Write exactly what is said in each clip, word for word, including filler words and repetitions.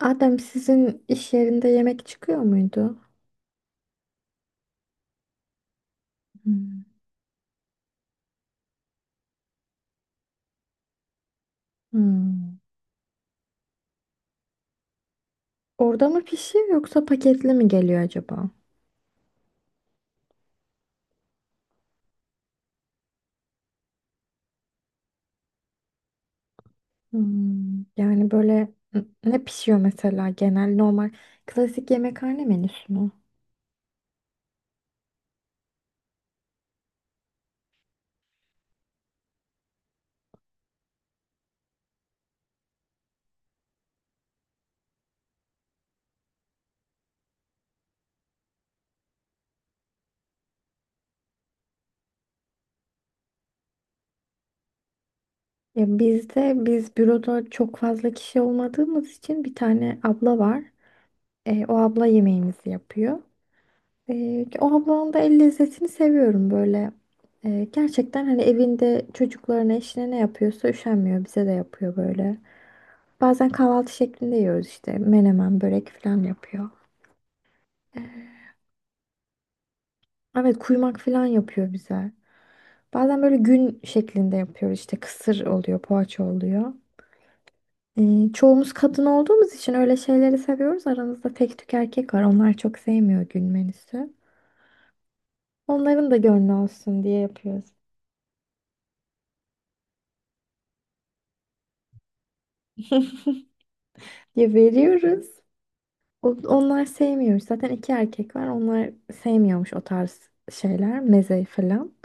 Adem sizin iş yerinde yemek çıkıyor muydu? Hmm. Hmm. Orada mı pişiyor yoksa paketli mi geliyor acaba? Hmm. Yani böyle n- ne pişiyor mesela genel normal klasik yemekhane menüsü mü? Ya bizde biz büroda çok fazla kişi olmadığımız için bir tane abla var. E, o abla yemeğimizi yapıyor. E, o ablanın da el lezzetini seviyorum böyle. E, gerçekten hani evinde çocuklarına eşine ne yapıyorsa üşenmiyor bize de yapıyor böyle. Bazen kahvaltı şeklinde yiyoruz işte. Menemen, börek falan yapıyor. Evet, kuymak falan yapıyor bize. Bazen böyle gün şeklinde yapıyoruz işte. Kısır oluyor, poğaça oluyor. Ee, çoğumuz kadın olduğumuz için öyle şeyleri seviyoruz. Aramızda tek tük erkek var. Onlar çok sevmiyor gün menüsü. Onların da gönlü olsun diye yapıyoruz. Ya veriyoruz. O- Onlar sevmiyormuş. Zaten iki erkek var. Onlar sevmiyormuş o tarz şeyler, meze falan.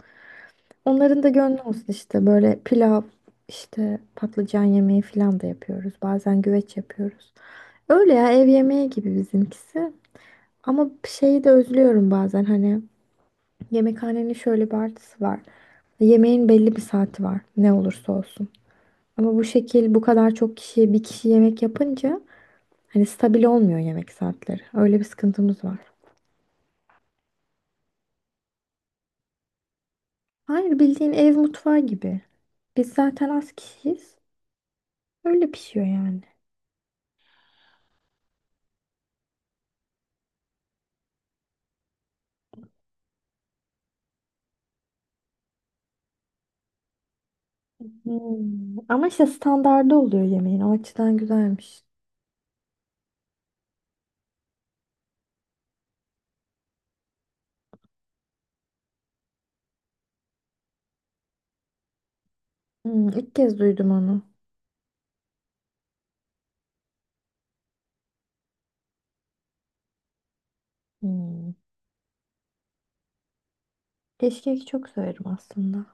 Onların da gönlü olsun işte böyle pilav işte patlıcan yemeği falan da yapıyoruz. Bazen güveç yapıyoruz. Öyle ya, ev yemeği gibi bizimkisi. Ama şeyi de özlüyorum bazen hani yemekhanenin şöyle bir artısı var. Yemeğin belli bir saati var ne olursa olsun. Ama bu şekil bu kadar çok kişiye bir kişi yemek yapınca hani stabil olmuyor yemek saatleri. Öyle bir sıkıntımız var. Hayır, bildiğin ev mutfağı gibi. Biz zaten az kişiyiz. Öyle pişiyor yani. Hmm. Ama işte standardı oluyor yemeğin. O açıdan güzelmiş. Hmm, ilk kez duydum onu. Hmm. Keşkek çok severim aslında.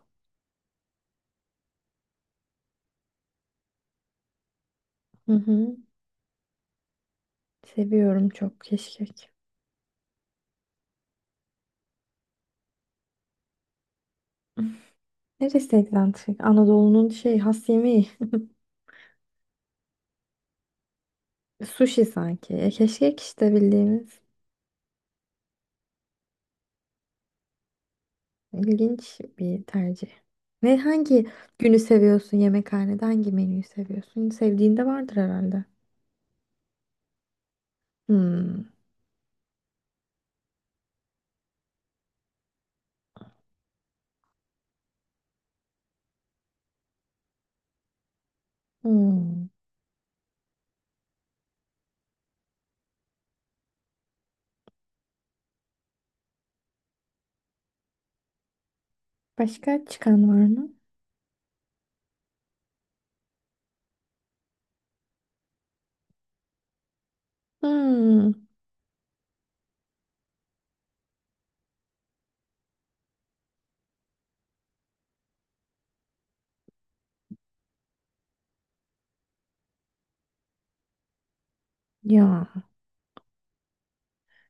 Hı hı. Seviyorum çok keşkek. Neresi egzantrik? Anadolu'nun şey has yemeği. Sushi sanki. E, keşkek işte bildiğimiz. İlginç bir tercih. Ne hangi günü seviyorsun yemekhanede? Hangi menüyü seviyorsun? Sevdiğin de vardır herhalde. Hmm. Hmm. Başka çıkan var mı? Hmm. Ya.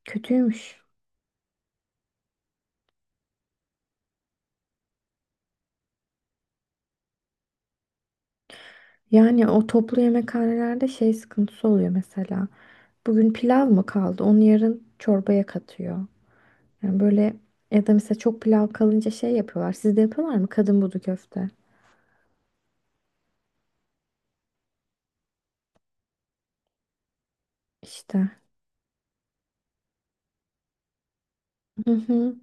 Kötüymüş. Yani o toplu yemekhanelerde şey sıkıntısı oluyor mesela. Bugün pilav mı kaldı? Onu yarın çorbaya katıyor. Yani böyle, ya da mesela çok pilav kalınca şey yapıyorlar. Sizde yapıyorlar mı? Kadın budu köfte. İşte. Hı hı.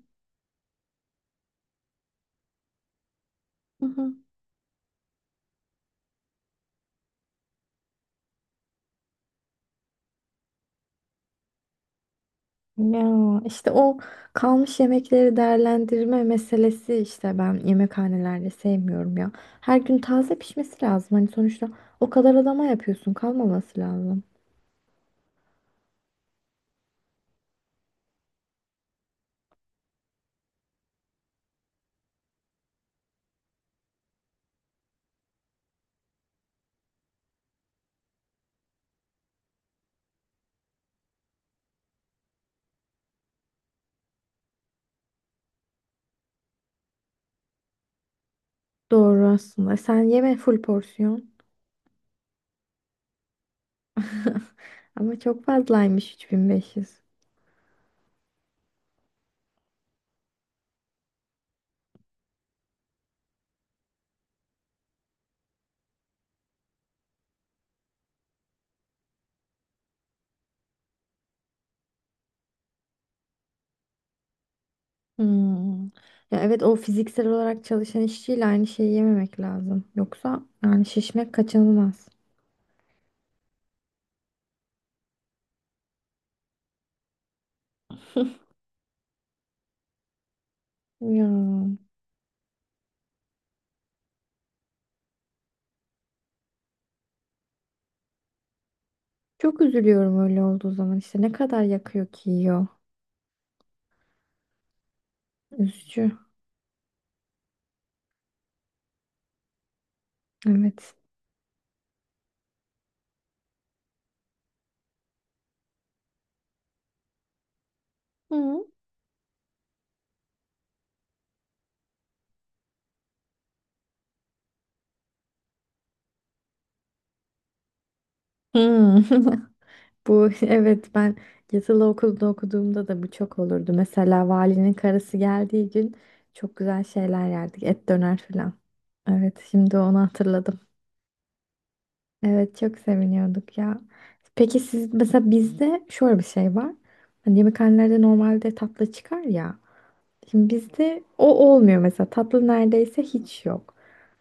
Hı hı. Ya işte o kalmış yemekleri değerlendirme meselesi işte ben yemekhanelerde sevmiyorum ya. Her gün taze pişmesi lazım. Hani sonuçta o kadar adama yapıyorsun, kalmaması lazım. Doğru aslında. Sen yeme full porsiyon. Ama çok fazlaymış üç bin beş yüz. Hmm. Ya evet, o fiziksel olarak çalışan işçiyle aynı şeyi yememek lazım. Yoksa yani şişmek kaçınılmaz. Ya. Çok üzülüyorum öyle olduğu zaman. İşte ne kadar yakıyor ki yiyor. Üzücü. Evet. Hmm. Hmm. Bu evet, ben yatılı okulda okuduğumda da bu çok olurdu. Mesela valinin karısı geldiği gün çok güzel şeyler yerdik. Et döner falan. Evet, şimdi onu hatırladım. Evet, çok seviniyorduk ya. Peki siz mesela, bizde şöyle bir şey var. Hani yemekhanelerde normalde tatlı çıkar ya. Şimdi bizde o olmuyor mesela. Tatlı neredeyse hiç yok.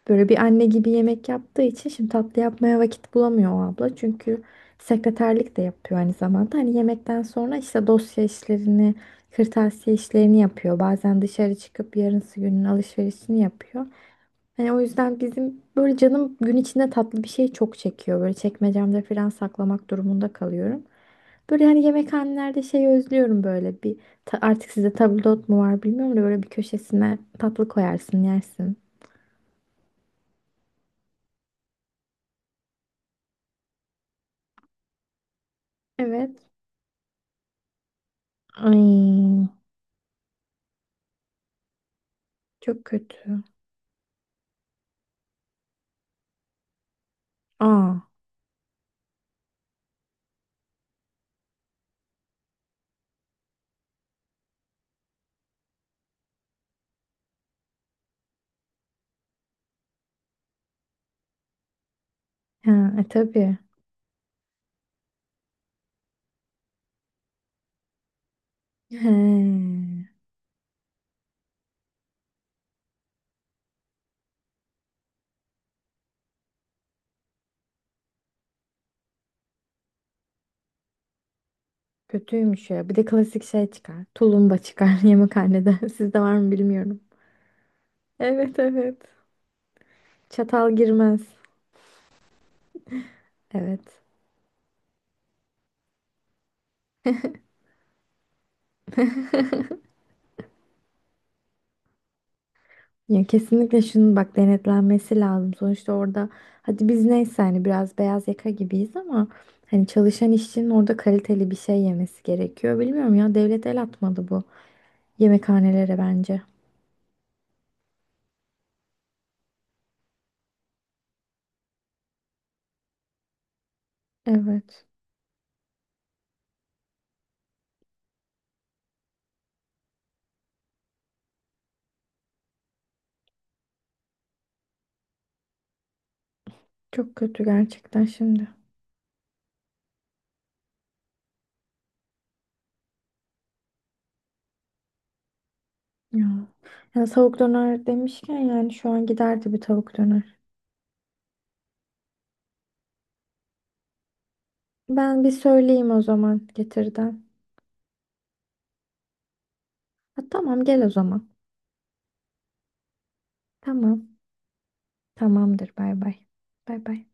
Böyle bir anne gibi yemek yaptığı için şimdi tatlı yapmaya vakit bulamıyor o abla. Çünkü sekreterlik de yapıyor aynı zamanda. Hani yemekten sonra işte dosya işlerini, kırtasiye işlerini yapıyor. Bazen dışarı çıkıp yarınsı günün alışverişini yapıyor. Hani o yüzden bizim böyle canım gün içinde tatlı bir şey çok çekiyor. Böyle çekmecemde falan saklamak durumunda kalıyorum. Böyle hani yemekhanelerde şey özlüyorum, böyle bir ta- artık sizde tabldot mu var bilmiyorum da böyle bir köşesine tatlı koyarsın, yersin. Evet. Ay, çok kötü. Aa. Ha, e, tabii. He, kötüymüş ya. Bir de klasik şey çıkar. Tulumba çıkar yemekhanede. Sizde var mı bilmiyorum. Evet, evet. Çatal girmez. Evet. Ya kesinlikle şunun bak denetlenmesi lazım. Sonuçta orada hadi biz neyse, hani biraz beyaz yaka gibiyiz ama hani çalışan işçinin orada kaliteli bir şey yemesi gerekiyor. Bilmiyorum, ya devlet el atmadı bu yemekhanelere bence. Evet. Çok kötü gerçekten şimdi. Ya. Ya, tavuk döner demişken yani şu an giderdi bir tavuk döner. Ben bir söyleyeyim o zaman getirden. Ha, tamam, gel o zaman. Tamam. Tamamdır, bay bay. Bay bay.